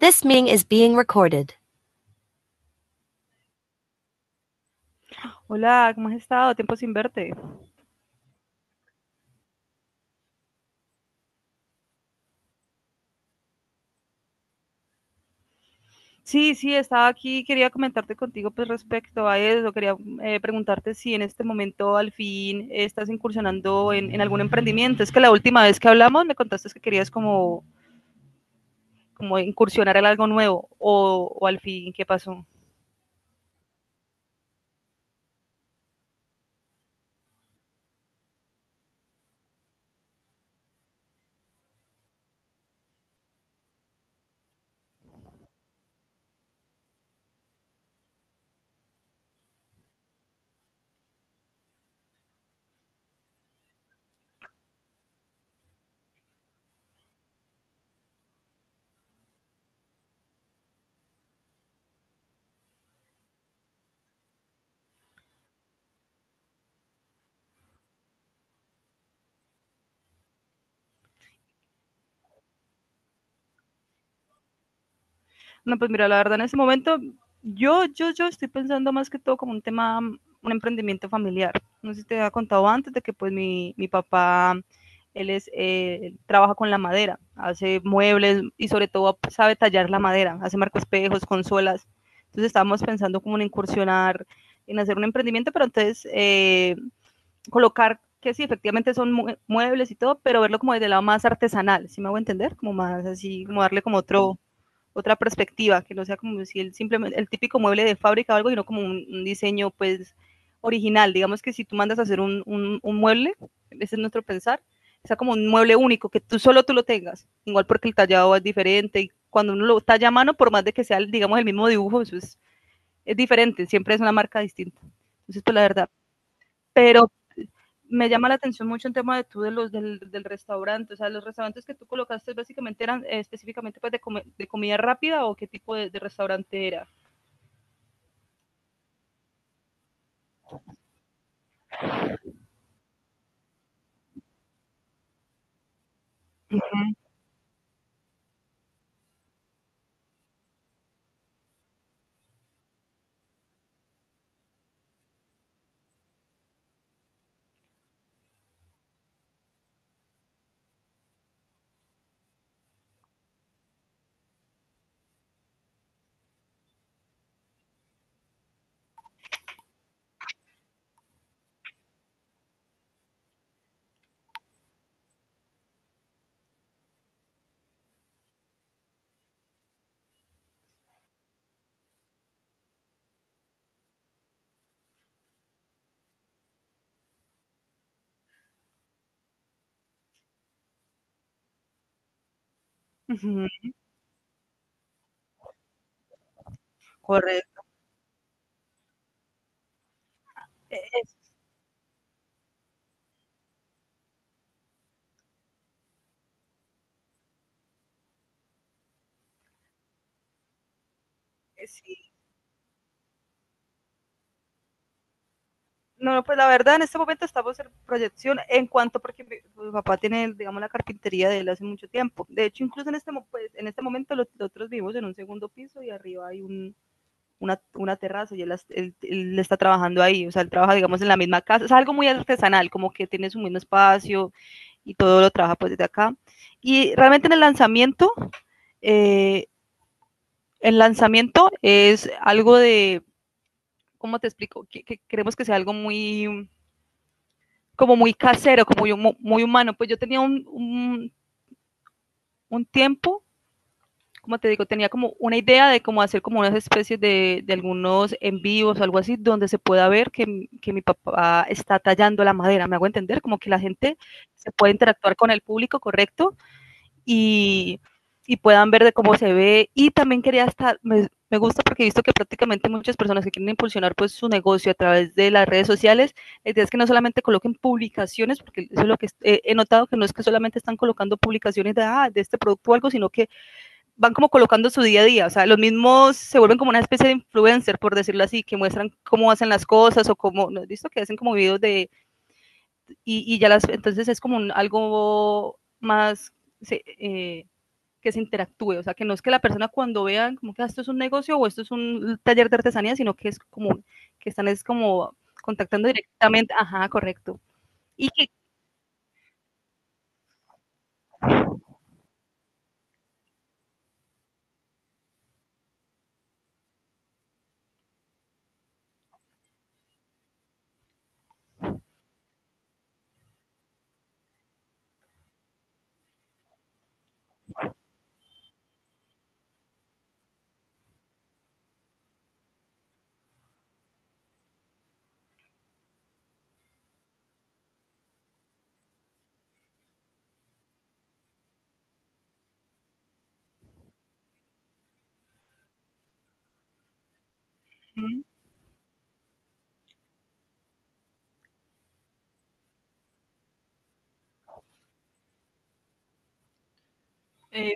This meeting is being recorded. Hola, ¿cómo has estado? Tiempo sin verte. Sí, estaba aquí, quería comentarte contigo pues respecto a eso, quería preguntarte si en este momento al fin estás incursionando en algún emprendimiento. Es que la última vez que hablamos me contaste que querías como, como incursionar en algo nuevo o al fin, ¿qué pasó? No, pues mira, la verdad en ese momento yo estoy pensando más que todo como un tema, un emprendimiento familiar. No sé si te había contado antes de que pues mi papá, él trabaja con la madera, hace muebles y sobre todo sabe tallar la madera, hace marcoespejos, consolas. Entonces estábamos pensando como en incursionar, en hacer un emprendimiento, pero entonces colocar que sí, efectivamente son muebles y todo, pero verlo como desde el lado más artesanal, si ¿sí me hago entender? Como más así, como darle como otro, otra perspectiva, que no sea como si el, simplemente, el típico mueble de fábrica o algo, sino como un diseño pues original. Digamos que si tú mandas a hacer un mueble, ese es nuestro pensar, sea como un mueble único, que tú solo tú lo tengas, igual porque el tallado es diferente y cuando uno lo talla a mano, por más de que sea, digamos, el mismo dibujo, es diferente, siempre es una marca distinta. Entonces, pues la verdad, pero me llama la atención mucho el tema de tú de del restaurante, o sea, los restaurantes que tú colocaste básicamente eran específicamente pues de comida rápida o qué tipo de restaurante era. Uh -huh. Correcto. Eh, sí. No, pues la verdad en este momento estamos en proyección en cuanto porque papá tiene, digamos, la carpintería de él hace mucho tiempo. De hecho, incluso en en este momento nosotros vivimos en un segundo piso y arriba hay una terraza y él está trabajando ahí, o sea, él trabaja, digamos, en la misma casa, es algo muy artesanal, como que tiene su mismo espacio y todo lo trabaja pues desde acá. Y realmente en eh, el lanzamiento es algo de, ¿cómo te explico? Que queremos que sea algo muy, como muy casero, muy humano. Pues yo tenía un tiempo como te digo, tenía como una idea de cómo hacer como unas especies de algunos envíos o algo así, donde se pueda ver mi papá está tallando la madera. Me hago entender, como que la gente se puede interactuar con el público correcto y, puedan ver de cómo se ve. Y también quería estar, gusta porque he visto que prácticamente muchas personas que quieren impulsionar pues su negocio a través de las redes sociales, la idea es que no solamente coloquen publicaciones, porque eso es lo que he notado, que no es que solamente están colocando publicaciones de, ah, de este producto o algo, sino que van como colocando su día a día, o sea, los mismos se vuelven como una especie de influencer, por decirlo así, que muestran cómo hacen las cosas o cómo, ¿no has visto? Que hacen como videos de, y ya las, entonces es como un, algo más se- eh, que se interactúe, o sea, que no es que la persona cuando vean como que "Ah, esto es un negocio o esto es un taller de artesanía", sino que es como, que están es como contactando directamente, ajá, correcto. Y que, eh,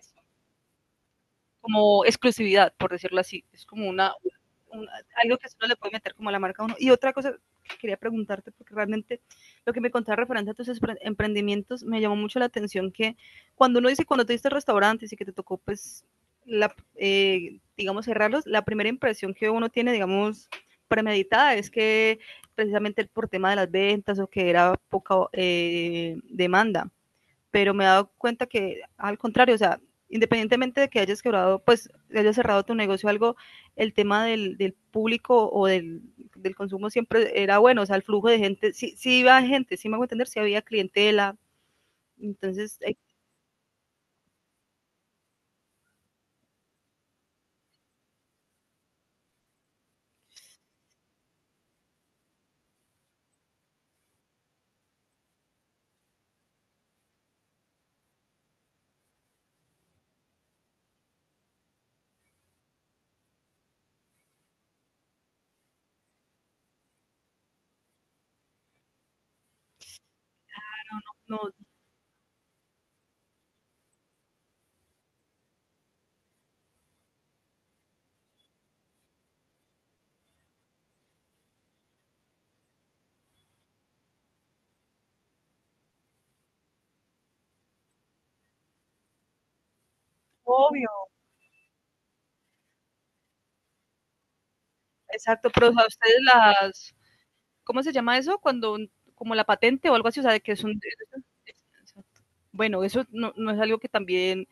como exclusividad, por decirlo así. Es como una- algo que solo le puede meter como a la marca a uno. Y otra cosa que quería preguntarte, porque realmente lo que me contaba referente a tus emprendimientos me llamó mucho la atención que cuando uno dice, cuando tuviste restaurantes y que te tocó, pues, la, digamos, cerrarlos, la primera impresión que uno tiene, digamos, premeditada es que precisamente por tema de las ventas o que era poca demanda, pero me he dado cuenta que al contrario, o sea, independientemente de que hayas quebrado, pues hayas cerrado tu negocio o algo, el tema del público o consumo siempre era bueno, o sea, el flujo de gente, sí iba gente, sí me hago entender, sí había clientela, entonces, no, obvio, exacto, pero o sea, ustedes las, ¿cómo se llama eso? Cuando, como la patente o algo así, o sea, de que son... exacto. Bueno, eso no, no es algo que también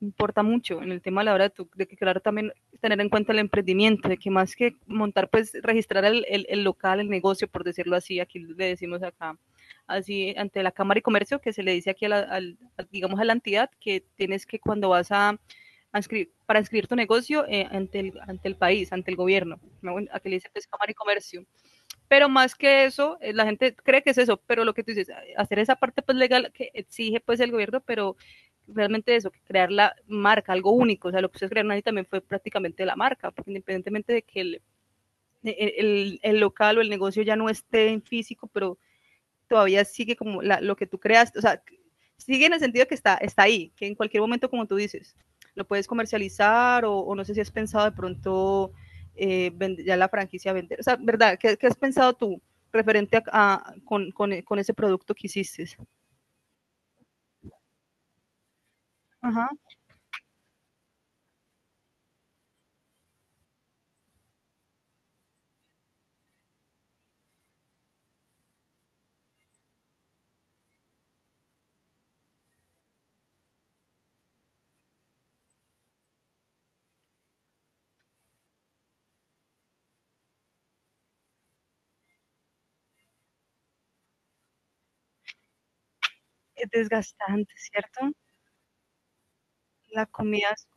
importa mucho en el tema a la hora de, tu, de que, claro, también tener en cuenta el emprendimiento, de que más que montar, pues registrar local, el negocio, por decirlo así, aquí le decimos acá, así ante la Cámara y Comercio, que se le dice aquí, a la, al, a, digamos, a la entidad, que tienes que cuando vas a inscribir, para inscribir tu negocio ante el país, ante el gobierno, ¿no? Bueno, aquí le dice pues, Cámara y Comercio, pero más que eso, la gente cree que es eso, pero lo que tú dices, hacer esa parte pues legal que exige pues el gobierno, pero realmente eso, crear la marca, algo único, o sea, lo que ustedes crearon ahí también fue prácticamente la marca, porque independientemente de que el local o el negocio ya no esté en físico, pero todavía sigue como la, lo que tú creas, o sea, sigue en el sentido que está, está ahí, que en cualquier momento, como tú dices, lo puedes comercializar o no sé si has pensado de pronto ya la franquicia vender. O sea, ¿verdad? ¿Qué, qué has pensado tú referente a con ese producto que hiciste? Ajá. Es desgastante, ¿cierto? La comida es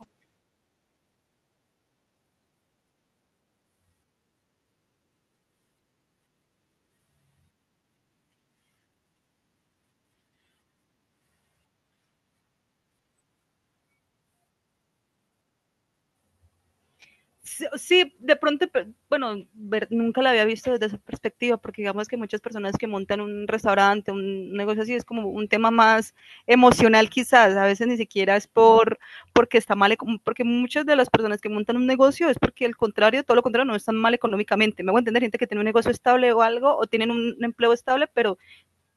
Sí, sí, de pronto, bueno, ver, nunca la había visto desde esa perspectiva, porque digamos que muchas personas que montan un restaurante, un negocio así, es como un tema más emocional quizás, a veces ni siquiera es por porque está mal, porque muchas de las personas que montan un negocio es porque el contrario, todo lo contrario, no están mal económicamente. Me voy a entender, gente que tiene un negocio estable o algo, o tienen un empleo estable, pero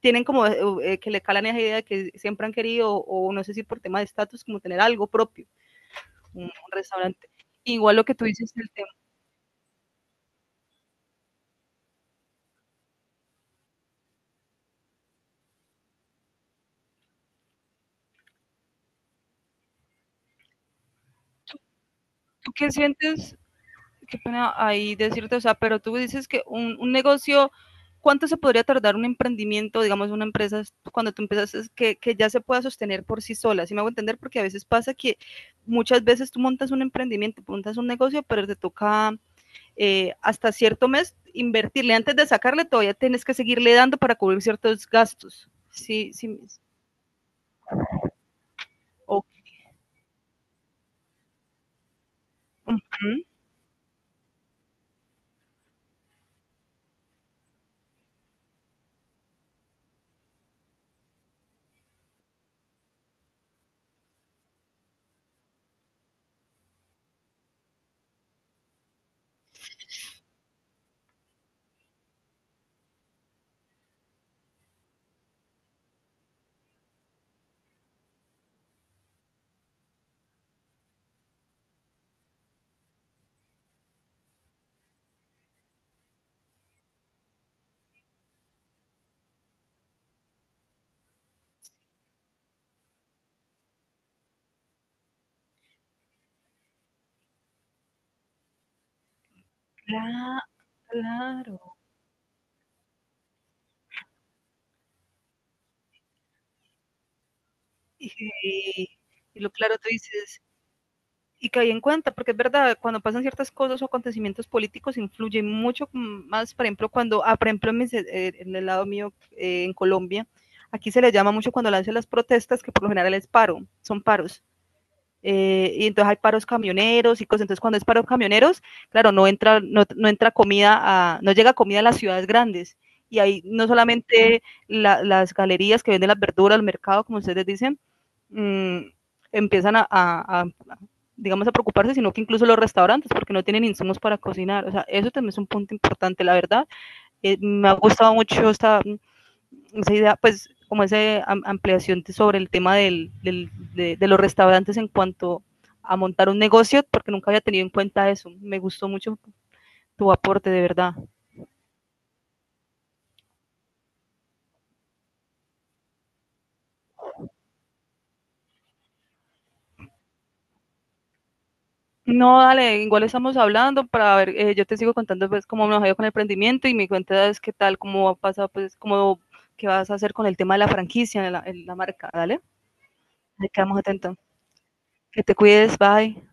tienen como que le calan esa idea que siempre han querido, o no sé si por tema de estatus, como tener algo propio, un restaurante. Igual lo que tú dices, el tema ¿Tú qué sientes? Qué pena ahí decirte, o sea, pero tú dices que un negocio, ¿cuánto se podría tardar un emprendimiento, digamos, una empresa, cuando tú empiezas, que ya se pueda sostener por sí sola? Si me hago entender, porque a veces pasa que muchas veces tú montas un emprendimiento, montas un negocio, pero te toca hasta cierto mes invertirle. Antes de sacarle, todavía tienes que seguirle dando para cubrir ciertos gastos. Sí, sí. Ok. Cla- Claro. Y, y lo claro, tú dices, y que hay en cuenta, porque es verdad, cuando pasan ciertas cosas o acontecimientos políticos influye mucho más, por ejemplo, cuando, ah, por ejemplo, en el lado mío, en Colombia, aquí se le llama mucho cuando lanzan las protestas, que por lo general es paro, son paros. Y entonces hay paros camioneros y cosas. Entonces, cuando es paro camioneros, claro, no entra comida, a, no llega comida a las ciudades grandes. Y ahí no solamente las galerías que venden las verduras, el mercado, como ustedes dicen, mmm, empiezan a, digamos, a preocuparse, sino que incluso los restaurantes, porque no tienen insumos para cocinar. O sea, eso también es un punto importante, la verdad. Me ha gustado mucho esta, esa idea, pues como esa ampliación sobre el tema los restaurantes en cuanto a montar un negocio, porque nunca había tenido en cuenta eso. Me gustó mucho tu aporte, de verdad. No, dale, igual estamos hablando para ver, yo te sigo contando pues cómo me ha ido con el emprendimiento y me cuentas qué tal, cómo pasa, pues cómo qué vas a hacer con el tema de la franquicia, la marca, dale. Ahí quedamos atentos. Que te cuides, bye.